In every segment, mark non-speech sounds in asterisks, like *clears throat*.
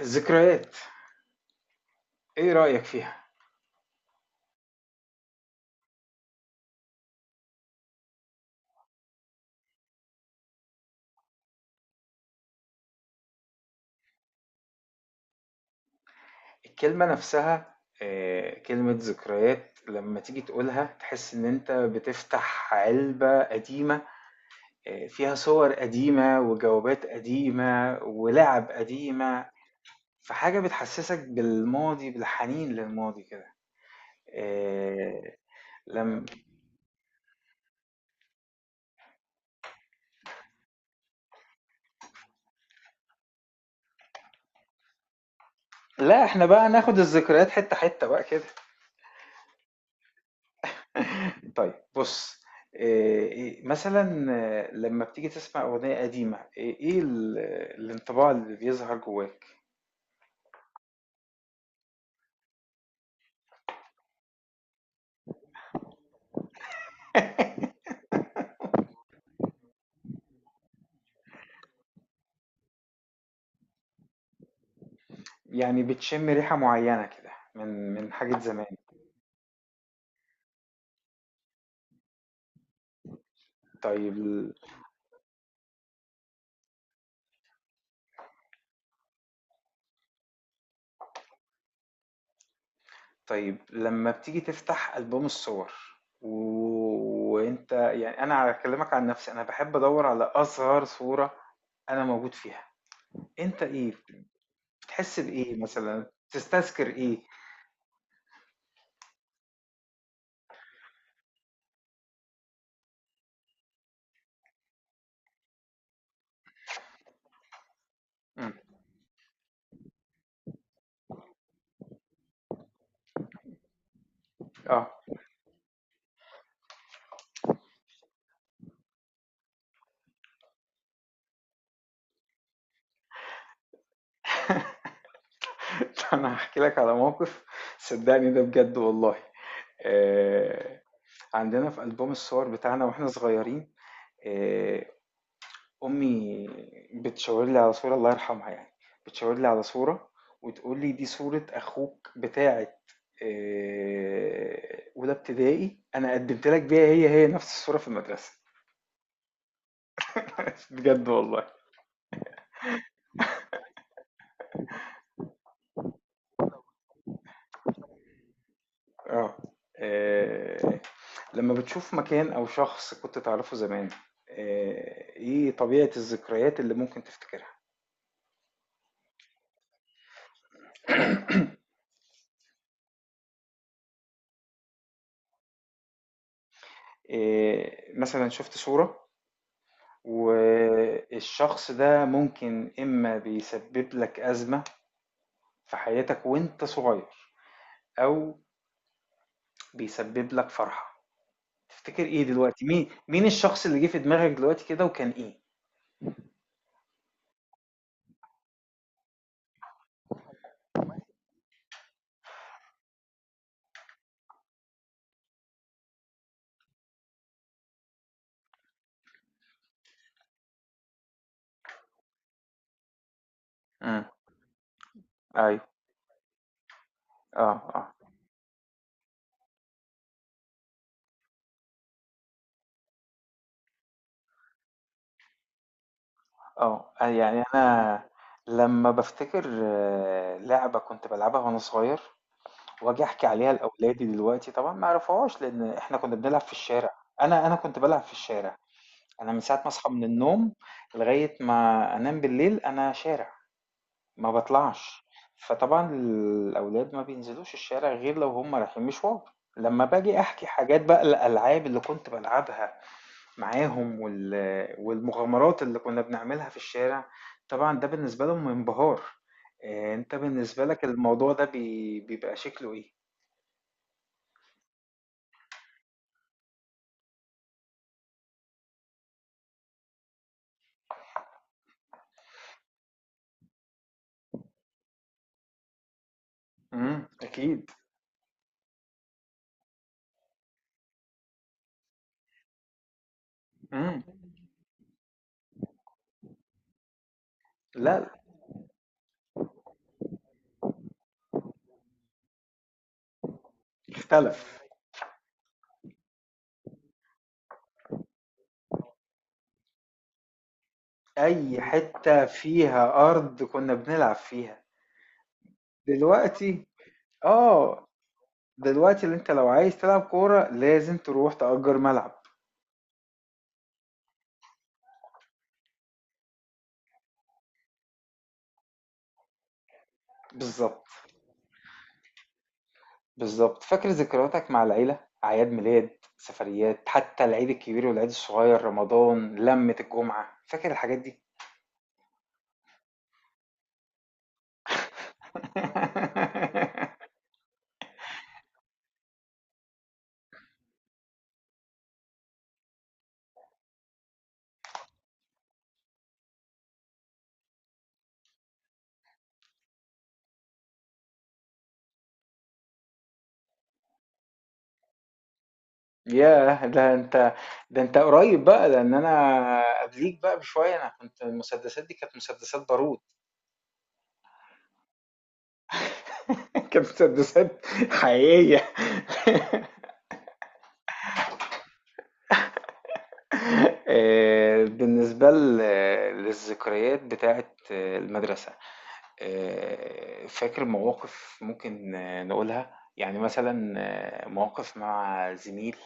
الذكريات، ايه رأيك فيها؟ الكلمة نفسها. كلمة ذكريات لما تيجي تقولها تحس ان انت بتفتح علبة قديمة. فيها صور قديمة وجوابات قديمة ولعب قديمة. فحاجة بتحسسك بالماضي، بالحنين للماضي كده. آه، لم لا، احنا بقى ناخد الذكريات حتة حتة بقى كده. طيب، بُص، آآ إ مثلًا لمّا بتيجي تسمع أغنية قديمة، إيه ال الانطباع اللي بيظهر جواك؟ يعني بتشم ريحة معيّنة كده من حاجة زمان، طيب. طيب، لمّا بتيجي تفتح ألبوم الصور وأنت يعني، أنا هاكلمك عن نفسي، أنا باحب أدوّر على أصغر صورة أنا موجود فيها. أنت إيه، بتحس بإيه مثلًا، بتستذكر إيه؟ إمم. آه. *laughs* أنا هاحكي لك على موقف، صدّقني ده بجد والله. آآ عندنا في ألبوم الصور بتاعنا وإحنا صغيرين، آآ أمي بتشاور لي على صورة- الله يرحمها يعني- بتشاور لي على صورة وتقول لي: "دي صورة أخوك بتاعة أولى ابتدائي، أنا قدّمت لك بيها هي، هي نفس الصورة في المدرسة." *laughs* بجد والله. آه. آه، لما بتشوف مكان أو شخص كنت تعرفه زمان، إيه طبيعة الذكريات اللي ممكن تفتكرها؟ *coughs* *clears throat* مثلا شفت صورة والشخص ده ممكن إما بيسبب لك أزمة في حياتك وأنت صغير، أو بيسبب لك فرحة. تفتكر إيه دلوقتي؟ مين الشخص اللي جه في دماغك دلوقتي كده وكان إيه؟ امم. أيوه. آه. آه. آه، أ يعني أنا لمّا بافتكر لعبة كنت بالعبها وأنا صغير، وآجي أحكي عليها لأولادي دلوقتي طبعًا ما يعرفوهاش، لإن إحنا كنا بنلعب في الشارع. أنا كنت بالعب في الشارع، أنا من ساعة ما أصحى من النوم لغاية ما أنام بالليل أنا شارع، ما باطلعش، فطبعًا الأولاد ما بينزلوش الشارع غير لو هُم رايحين مشوار. لمّا باجي أحكي حاجات بقى، الألعاب اللي كنت بالعبها معاهم، والمغامرات اللي كنا بنعملها في الشارع، طبعًا ده بالنسبة لهم انبهار. أنت بالنسبة لك الموضوع ده بيبقى شكله إيه؟ إمم. أكيد. إمم. لأ. اختلف. أي حتة فيها أرض كنا بنلعب فيها. دلوقتي آه، دلوقتي اللي أنت لو عايز تلعب كورة لازم تروح تأجر ملعب. بالضبط. بالضبط، فاكر ذكرياتك مع العيلة؟ أعياد ميلاد، سفريات، حتى العيد الكبير والعيد الصغير، رمضان، لمة الجمعة، فاكر الحاجات دي؟ *laughs* ياه! ده أنت قريب بقى، لأن أنا قبليك بقى بشوية، أنا كنت المسدسات دي كانت مسدسات بارود. *laughs* كانت مسدسات حقيقية. *laughs* بالنسبة للذكريات بتاعت المدرسة، فاكر مواقف ممكن نقولها؟ يعني مثلًا مواقف مع زميل،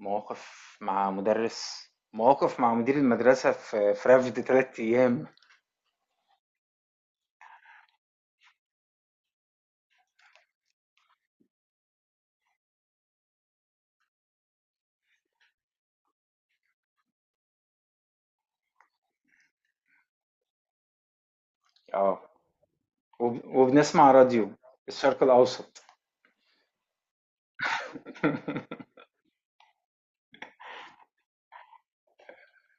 مواقف مع مُدرِّس، مواقف مع مدير المدرسة في رفد 3 أيام. آه، وب وبنسمع راديو الشرق الأوسط،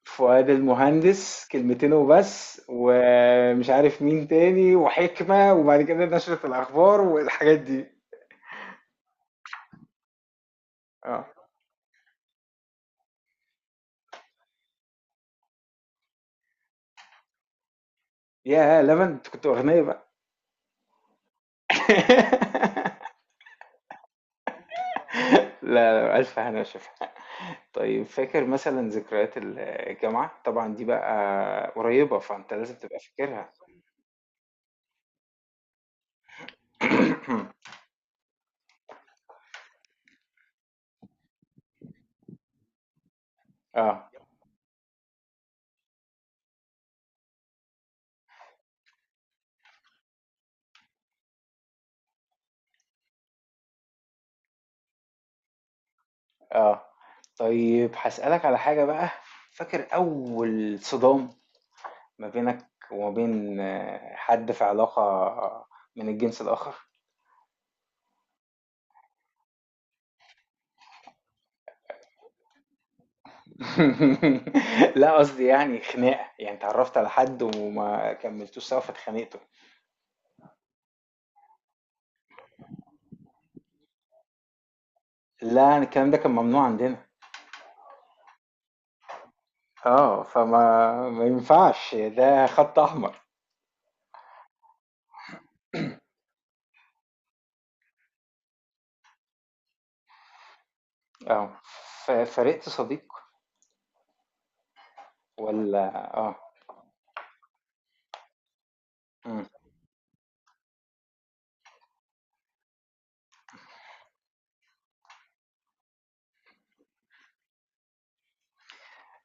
فؤاد المهندس كلمتين وبس، ومش عارف مين تاني، وحكمة، وبعد كده نشرة الأخبار والحاجات دي. آه. ياه! لمن أنتِ كنتم أغنيا بقى. *laughs* لا، لا، ألف هنا وشفا. طيب، فاكر مثلا ذكريات الجامعة؟ طبعا دي بقى قريبة فانت لازم تبقى فاكرها. *clears throat* *coughs* اه. اه. طيب هسألك على حاجة بقى، فاكر أول صدام ما بينك وما بين حد في علاقة من الجنس الآخر؟ *laughs* لا، قصدي يعني خناقة، يعني تعرفت على حد وما كملتوش سوا فاتخانقتوا. لا، الكلام ده كان ممنوع عندنا. اه، فما ما ينفعش، ده خط أحمر. اه، فرقت صديق ولا؟ اه. مم.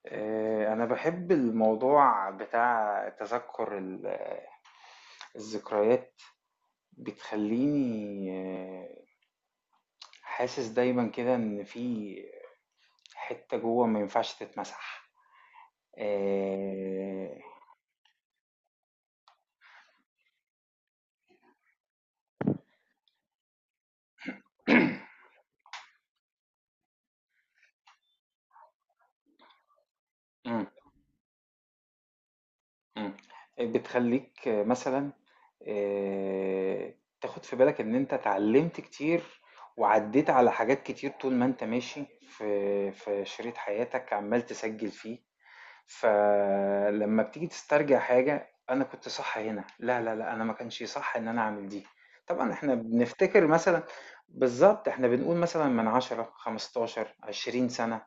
انا بحب الموضوع بتاع تذكر الذكريات، بتخليني حاسس دايما كده ان في حتة جوه ما ينفعش تتمسح. آه. مم. إمم. بتخلّيك مثلًا آآ تاخُد في بالك إن أنت اتعلّمت كتير، وعدّيت على حاجات كتير طول ما أنت ماشي في شريط حياتك عمّال تسجّل فيه. فلمّا بتيجي تسترجع حاجة أنا كنت صح هنا، لا، لا، لأ أنا ما كانش صح إن أنا أعمل دي. طبعًا إحنا بنفتكر مثلًا، بالضبط، إحنا بنقول مثلًا من 10، 15، 20 سَنة،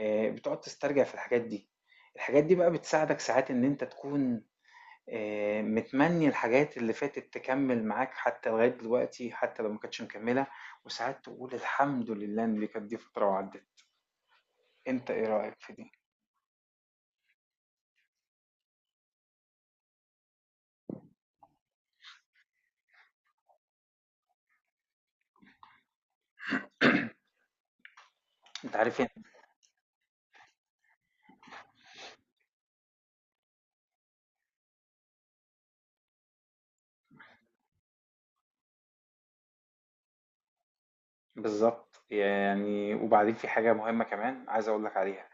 بتقعد تسترجع في الحاجات دي. الحاجات دي بقى بتساعدك ساعات إن أنت تكون متمنّي الحاجات اللي فاتت تكمّل معاك حتى لغاية دلوقتي، حتى لو ما كانتش مكمّلة، وساعات تقول الحمد لله إن دي كانت دي فترة وعدّت. أنت إيه رأيك في دي؟ أنت عارف أن بالضبط، يعني وبعدين في حاجة مهمة كمان عايز أقول لك عليها،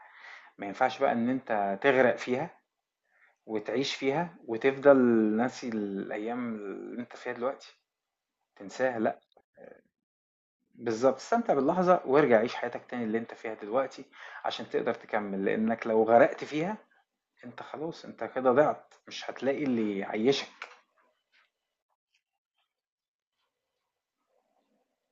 ما ينفعش بقى إن أنت تغرق فيها وتعيش فيها وتفضل ناسي الأيام اللي أنت فيها دلوقتي، تنساها لأ. بالضبط، استمتع باللحظة وارجع عيش حياتك تاني اللي أنت فيها دلوقتي عشان تقدر تكمّل، لإنّك لو غرقت فيها أنت خلاص أنت كده ضِعت، مش هتلاقي اللي يعيّشك.